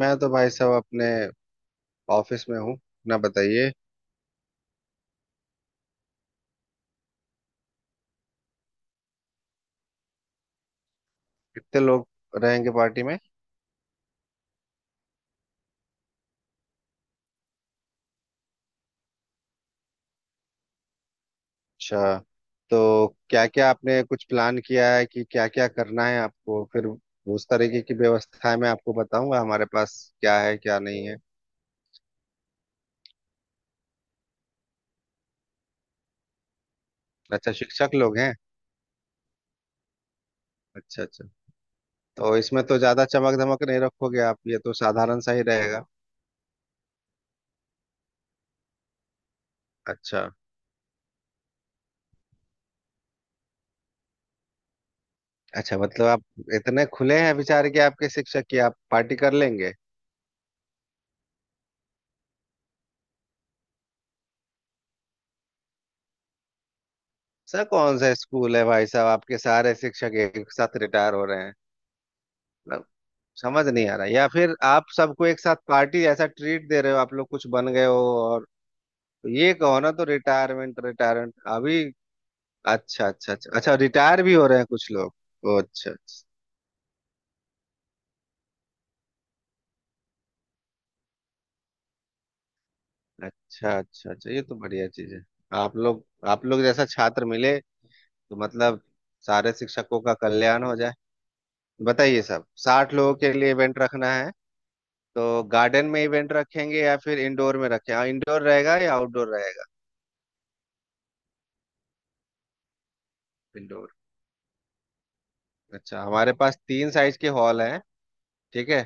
मैं तो भाई साहब अपने ऑफिस में हूँ। अपना बताइए, कितने लोग रहेंगे पार्टी में? अच्छा, तो क्या क्या आपने कुछ प्लान किया है कि क्या क्या करना है आपको? फिर उस तरीके की व्यवस्थाएं मैं आपको बताऊंगा, हमारे पास क्या है क्या नहीं है। अच्छा, शिक्षक लोग हैं। अच्छा अच्छा। तो इसमें तो ज्यादा चमक धमक नहीं रखोगे आप, ये तो साधारण सा ही रहेगा। अच्छा अच्छा, मतलब आप इतने खुले हैं विचार कि आपके शिक्षक की आप पार्टी कर लेंगे? सर, कौन सा स्कूल है भाई साहब? आपके सारे शिक्षक एक साथ रिटायर हो रहे हैं मतलब, समझ नहीं आ रहा। या फिर आप सबको एक साथ पार्टी जैसा ट्रीट दे रहे हो, आप लोग कुछ बन गए हो? और ये कहो ना, तो रिटायरमेंट रिटायरमेंट अभी। अच्छा अच्छा अच्छा अच्छा, रिटायर भी हो रहे हैं कुछ लोग। ओ, अच्छा अच्छा अच्छा। अच्छा अच्छा, ये तो बढ़िया चीज है। आप लोग जैसा छात्र मिले तो मतलब सारे शिक्षकों का कल्याण हो जाए। बताइए, सब 60 लोगों के लिए इवेंट रखना है? तो गार्डन में इवेंट रखेंगे या फिर इंडोर में रखें? हाँ, इंडोर रहेगा या आउटडोर रहेगा? इंडोर, अच्छा। हमारे पास तीन साइज के हॉल हैं। ठीक है।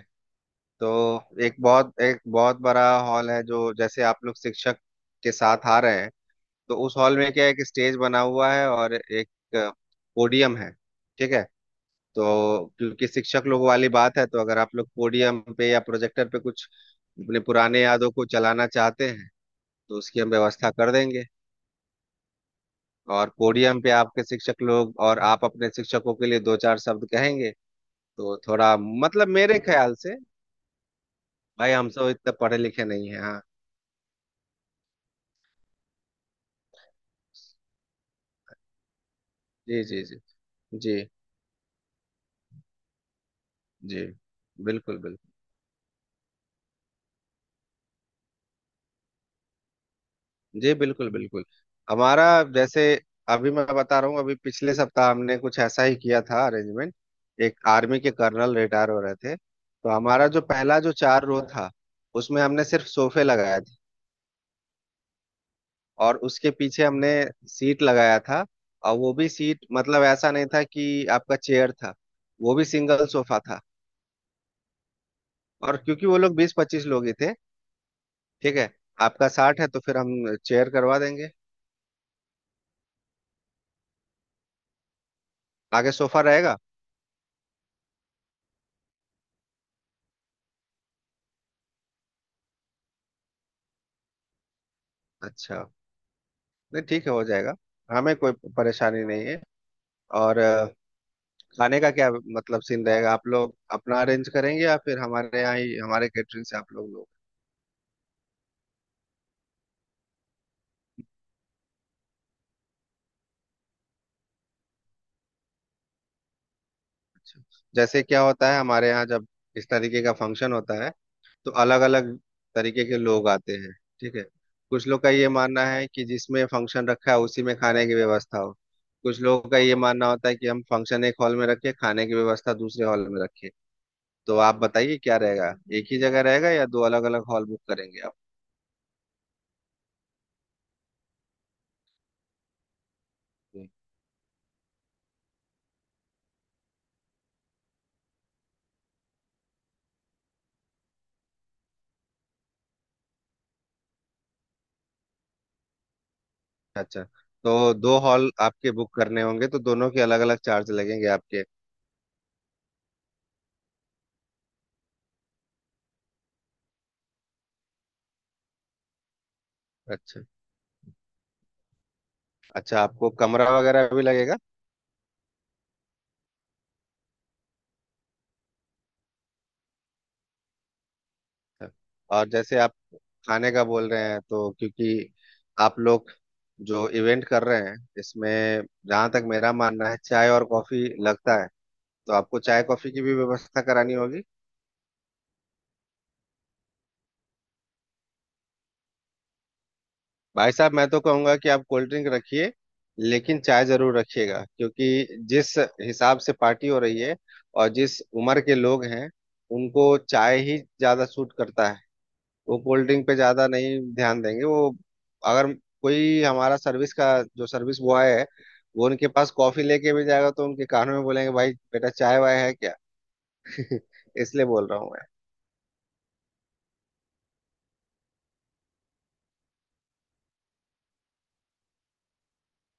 तो एक बहुत बड़ा हॉल है, जो जैसे आप लोग शिक्षक के साथ आ रहे हैं। तो उस हॉल में क्या है, एक स्टेज बना हुआ है और एक पोडियम है। ठीक है। तो क्योंकि शिक्षक लोग वाली बात है, तो अगर आप लोग पोडियम पे या प्रोजेक्टर पे कुछ अपने पुराने यादों को चलाना चाहते हैं, तो उसकी हम व्यवस्था कर देंगे। और पोडियम पे आपके शिक्षक लोग, और आप अपने शिक्षकों के लिए दो चार शब्द कहेंगे। तो थोड़ा, मतलब मेरे ख्याल से भाई हम सब इतने पढ़े लिखे नहीं है। हाँ। जी जी जी। जी जी बिल्कुल बिल्कुल। जी बिल्कुल बिल्कुल। हमारा, जैसे अभी मैं बता रहा हूँ, अभी पिछले सप्ताह हमने कुछ ऐसा ही किया था अरेंजमेंट। एक आर्मी के कर्नल रिटायर हो रहे थे, तो हमारा जो पहला जो चार रो था उसमें हमने सिर्फ सोफे लगाया। और उसके पीछे हमने सीट लगाया था। और वो भी सीट, मतलब ऐसा नहीं था कि आपका चेयर था, वो भी सिंगल सोफा था। और क्योंकि वो लोग 20-25 लोग ही थे। ठीक है। आपका 60 है तो फिर हम चेयर करवा देंगे, आगे सोफा रहेगा। अच्छा, नहीं ठीक है, हो जाएगा। हमें कोई परेशानी नहीं है। और खाने का क्या मतलब सीन रहेगा? आप लोग अपना अरेंज करेंगे या फिर हमारे यहाँ ही हमारे कैटरिंग से आप लोग लोग? अच्छा। जैसे क्या होता है हमारे यहाँ जब इस तरीके का फंक्शन होता है, तो अलग अलग तरीके के लोग आते हैं। ठीक है। कुछ लोग का ये मानना है कि जिसमें फंक्शन रखा है उसी में खाने की व्यवस्था हो। कुछ लोगों का ये मानना होता है कि हम फंक्शन एक हॉल में रखें, खाने की व्यवस्था दूसरे हॉल में रखें। तो आप बताइए क्या रहेगा, एक ही जगह रहेगा या दो अलग अलग हॉल बुक करेंगे आप? अच्छा, तो दो हॉल आपके बुक करने होंगे, तो दोनों के अलग अलग चार्ज लगेंगे आपके। अच्छा अच्छा, आपको कमरा वगैरह भी लगेगा? और जैसे आप खाने का बोल रहे हैं, तो क्योंकि आप लोग जो इवेंट कर रहे हैं इसमें, जहां तक मेरा मानना है, चाय और कॉफी लगता है, तो आपको चाय कॉफी की भी व्यवस्था करानी होगी। भाई साहब, मैं तो कहूंगा कि आप कोल्ड ड्रिंक रखिए, लेकिन चाय जरूर रखिएगा। क्योंकि जिस हिसाब से पार्टी हो रही है और जिस उम्र के लोग हैं, उनको चाय ही ज्यादा सूट करता है। वो कोल्ड ड्रिंक पे ज्यादा नहीं ध्यान देंगे। वो, अगर कोई हमारा सर्विस का जो सर्विस बॉय है, वो उनके पास कॉफी लेके भी जाएगा तो उनके कानों में बोलेंगे, भाई बेटा चाय वाय है क्या? इसलिए बोल रहा हूँ मैं।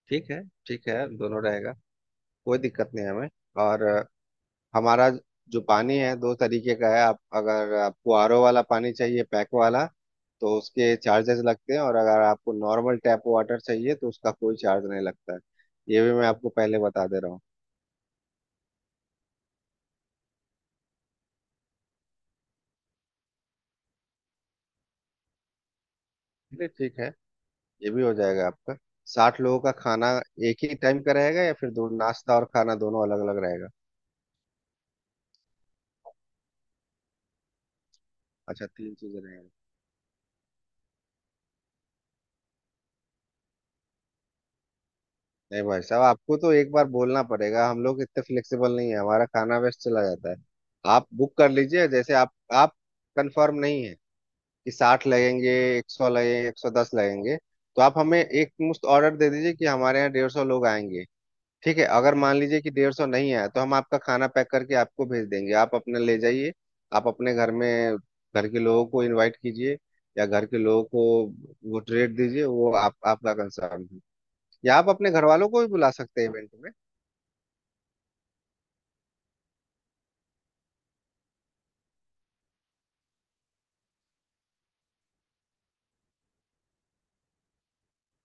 ठीक है, ठीक है, दोनों रहेगा, कोई दिक्कत नहीं है हमें। और हमारा जो पानी है दो तरीके का है। आप, अगर आपको आरओ वाला पानी चाहिए पैक वाला, तो उसके चार्जेस लगते हैं, और अगर आपको नॉर्मल टैप वाटर चाहिए तो उसका कोई चार्ज नहीं लगता है। ये भी मैं आपको पहले बता दे रहा हूँ। ठीक है, ठीक है, ये भी हो जाएगा आपका। 60 लोगों का खाना एक ही टाइम का रहेगा, या फिर दो, नाश्ता और खाना दोनों अलग अलग रहेगा? अच्छा, तीन चीजें रहेगा। नहीं भाई साहब, आपको तो एक बार बोलना पड़ेगा, हम लोग इतने फ्लेक्सिबल नहीं है, हमारा खाना वेस्ट चला जाता है। आप बुक कर लीजिए, जैसे आप कंफर्म नहीं है कि 60 लगेंगे, 100 लगेंगे, 110 लगेंगे, तो आप हमें एक मुश्त ऑर्डर दे दीजिए कि हमारे यहाँ 150 लोग आएंगे। ठीक है, अगर मान लीजिए कि 150 नहीं आया, तो हम आपका खाना पैक करके आपको भेज देंगे, आप अपने ले जाइए, आप अपने घर में घर के लोगों को इनवाइट कीजिए, या घर के लोगों को वो ट्रीट दीजिए, वो आप आपका कंसर्न है। या आप अपने घर वालों को भी बुला सकते हैं इवेंट में।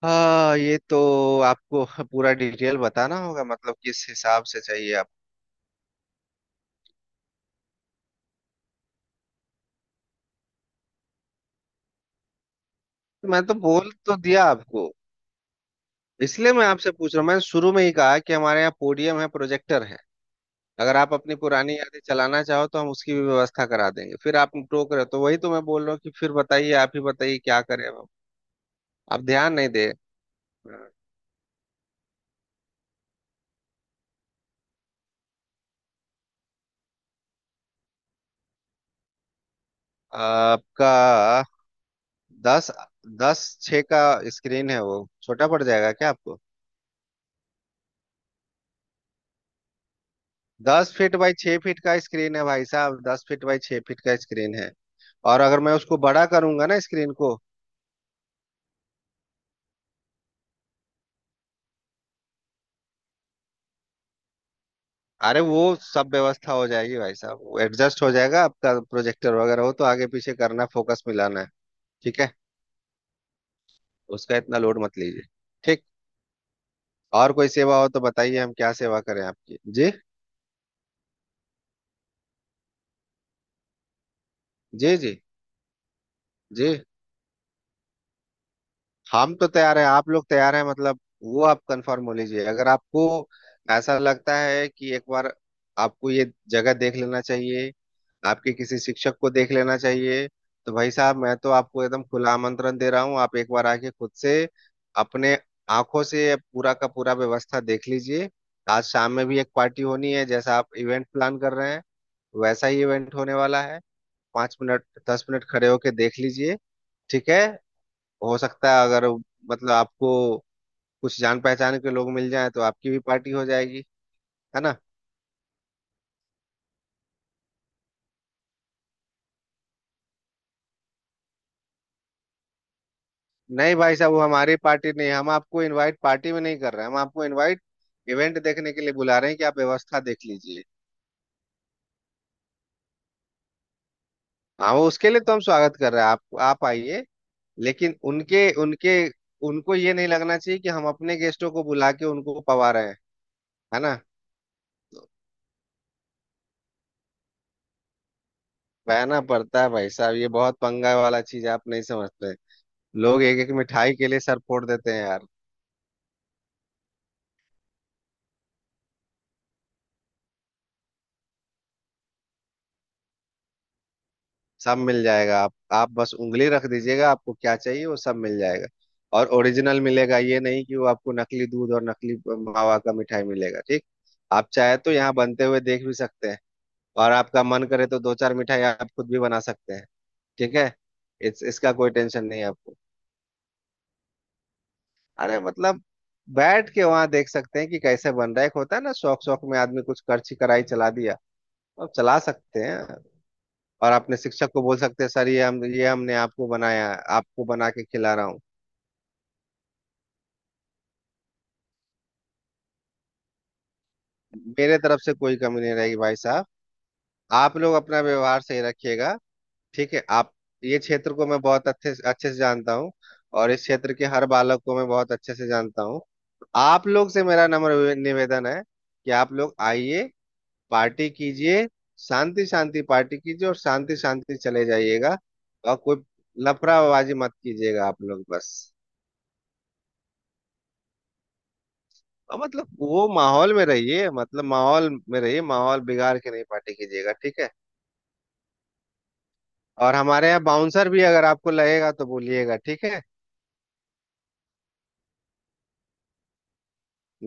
हाँ, ये तो आपको पूरा डिटेल बताना होगा, मतलब किस हिसाब से चाहिए आपको। मैं तो बोल तो दिया आपको, इसलिए मैं आपसे पूछ रहा हूँ। मैंने शुरू में ही कहा कि हमारे यहाँ पोडियम है, प्रोजेक्टर है, अगर आप अपनी पुरानी यादें चलाना चाहो तो हम उसकी भी व्यवस्था करा देंगे। फिर आप टोक रहे हो, तो वही तो मैं बोल रहा हूँ कि फिर बताइए, आप ही बताइए क्या करें अब। आप ध्यान नहीं दे। आपका दस दस छः का स्क्रीन है, वो छोटा पड़ जाएगा क्या आपको? दस फीट बाई 6 फीट का स्क्रीन है भाई साहब, 10 फीट बाई छः फीट का स्क्रीन है। और अगर मैं उसको बड़ा करूंगा ना स्क्रीन को, अरे वो सब व्यवस्था हो जाएगी भाई साहब, एडजस्ट हो जाएगा। आपका प्रोजेक्टर वगैरह हो तो आगे पीछे करना, फोकस मिलाना है। ठीक है, उसका इतना लोड मत लीजिए। ठीक। और कोई सेवा हो तो बताइए, हम क्या सेवा करें आपकी जी जी जी। जी। हम तो तैयार हैं, आप लोग तैयार हैं मतलब? वो आप कंफर्म हो लीजिए। अगर आपको ऐसा लगता है कि एक बार आपको ये जगह देख लेना चाहिए, आपके किसी शिक्षक को देख लेना चाहिए, तो भाई साहब मैं तो आपको एकदम खुला आमंत्रण दे रहा हूँ। आप एक बार आके खुद से अपने आंखों से पूरा का पूरा व्यवस्था देख लीजिए। आज शाम में भी एक पार्टी होनी है, जैसा आप इवेंट प्लान कर रहे हैं वैसा ही इवेंट होने वाला है। 5 मिनट, 10 मिनट खड़े होके देख लीजिए। ठीक है। हो सकता है, अगर मतलब आपको कुछ जान पहचान के लोग मिल जाए, तो आपकी भी पार्टी हो जाएगी। है ना। नहीं भाई साहब, वो हमारी पार्टी नहीं है, हम आपको इनवाइट पार्टी में नहीं कर रहे हैं, हम आपको इनवाइट इवेंट देखने के लिए बुला रहे हैं कि आप व्यवस्था देख लीजिए। हाँ, वो उसके लिए तो हम स्वागत कर रहे हैं। आप आइए। लेकिन उनके उनके उनको ये नहीं लगना चाहिए कि हम अपने गेस्टों को बुला के उनको पवा रहे हैं। है ना। बहना पड़ता है भाई साहब, ये बहुत पंगा वाला चीज आप नहीं समझते। लोग एक एक मिठाई के लिए सर फोड़ देते हैं यार। सब मिल जाएगा। आप बस उंगली रख दीजिएगा, आपको क्या चाहिए वो सब मिल जाएगा। और ओरिजिनल मिलेगा, ये नहीं कि वो आपको नकली दूध और नकली मावा का मिठाई मिलेगा। ठीक। आप चाहे तो यहाँ बनते हुए देख भी सकते हैं, और आपका मन करे तो दो चार मिठाई आप खुद भी बना सकते हैं। ठीक है। इसका कोई टेंशन नहीं है आपको। अरे मतलब बैठ के वहां देख सकते हैं कि कैसे बन रहा है। एक होता है ना, शौक शौक में आदमी कुछ करछी कराई चला दिया, अब चला सकते हैं। और अपने शिक्षक को बोल सकते हैं, सर ये हमने आपको बनाया है, आपको बना के खिला रहा हूँ। मेरे तरफ से कोई कमी नहीं रहेगी भाई साहब, आप लोग अपना व्यवहार सही रखिएगा। ठीक है। आप, ये क्षेत्र को मैं बहुत अच्छे अच्छे से जानता हूँ, और इस क्षेत्र के हर बालक को मैं बहुत अच्छे से जानता हूँ। आप लोग से मेरा नम्र निवेदन है कि आप लोग आइए, पार्टी कीजिए, शांति शांति पार्टी कीजिए और शांति शांति चले जाइएगा। और कोई लफड़ाबाजी मत कीजिएगा आप लोग, बस। और मतलब वो माहौल में रहिए, मतलब माहौल में रहिए, माहौल बिगाड़ के नहीं पार्टी कीजिएगा। ठीक है। और हमारे यहाँ बाउंसर भी अगर आपको लगेगा तो बोलिएगा। ठीक है।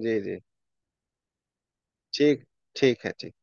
जी जी। ठीक। ठीक है ठीक।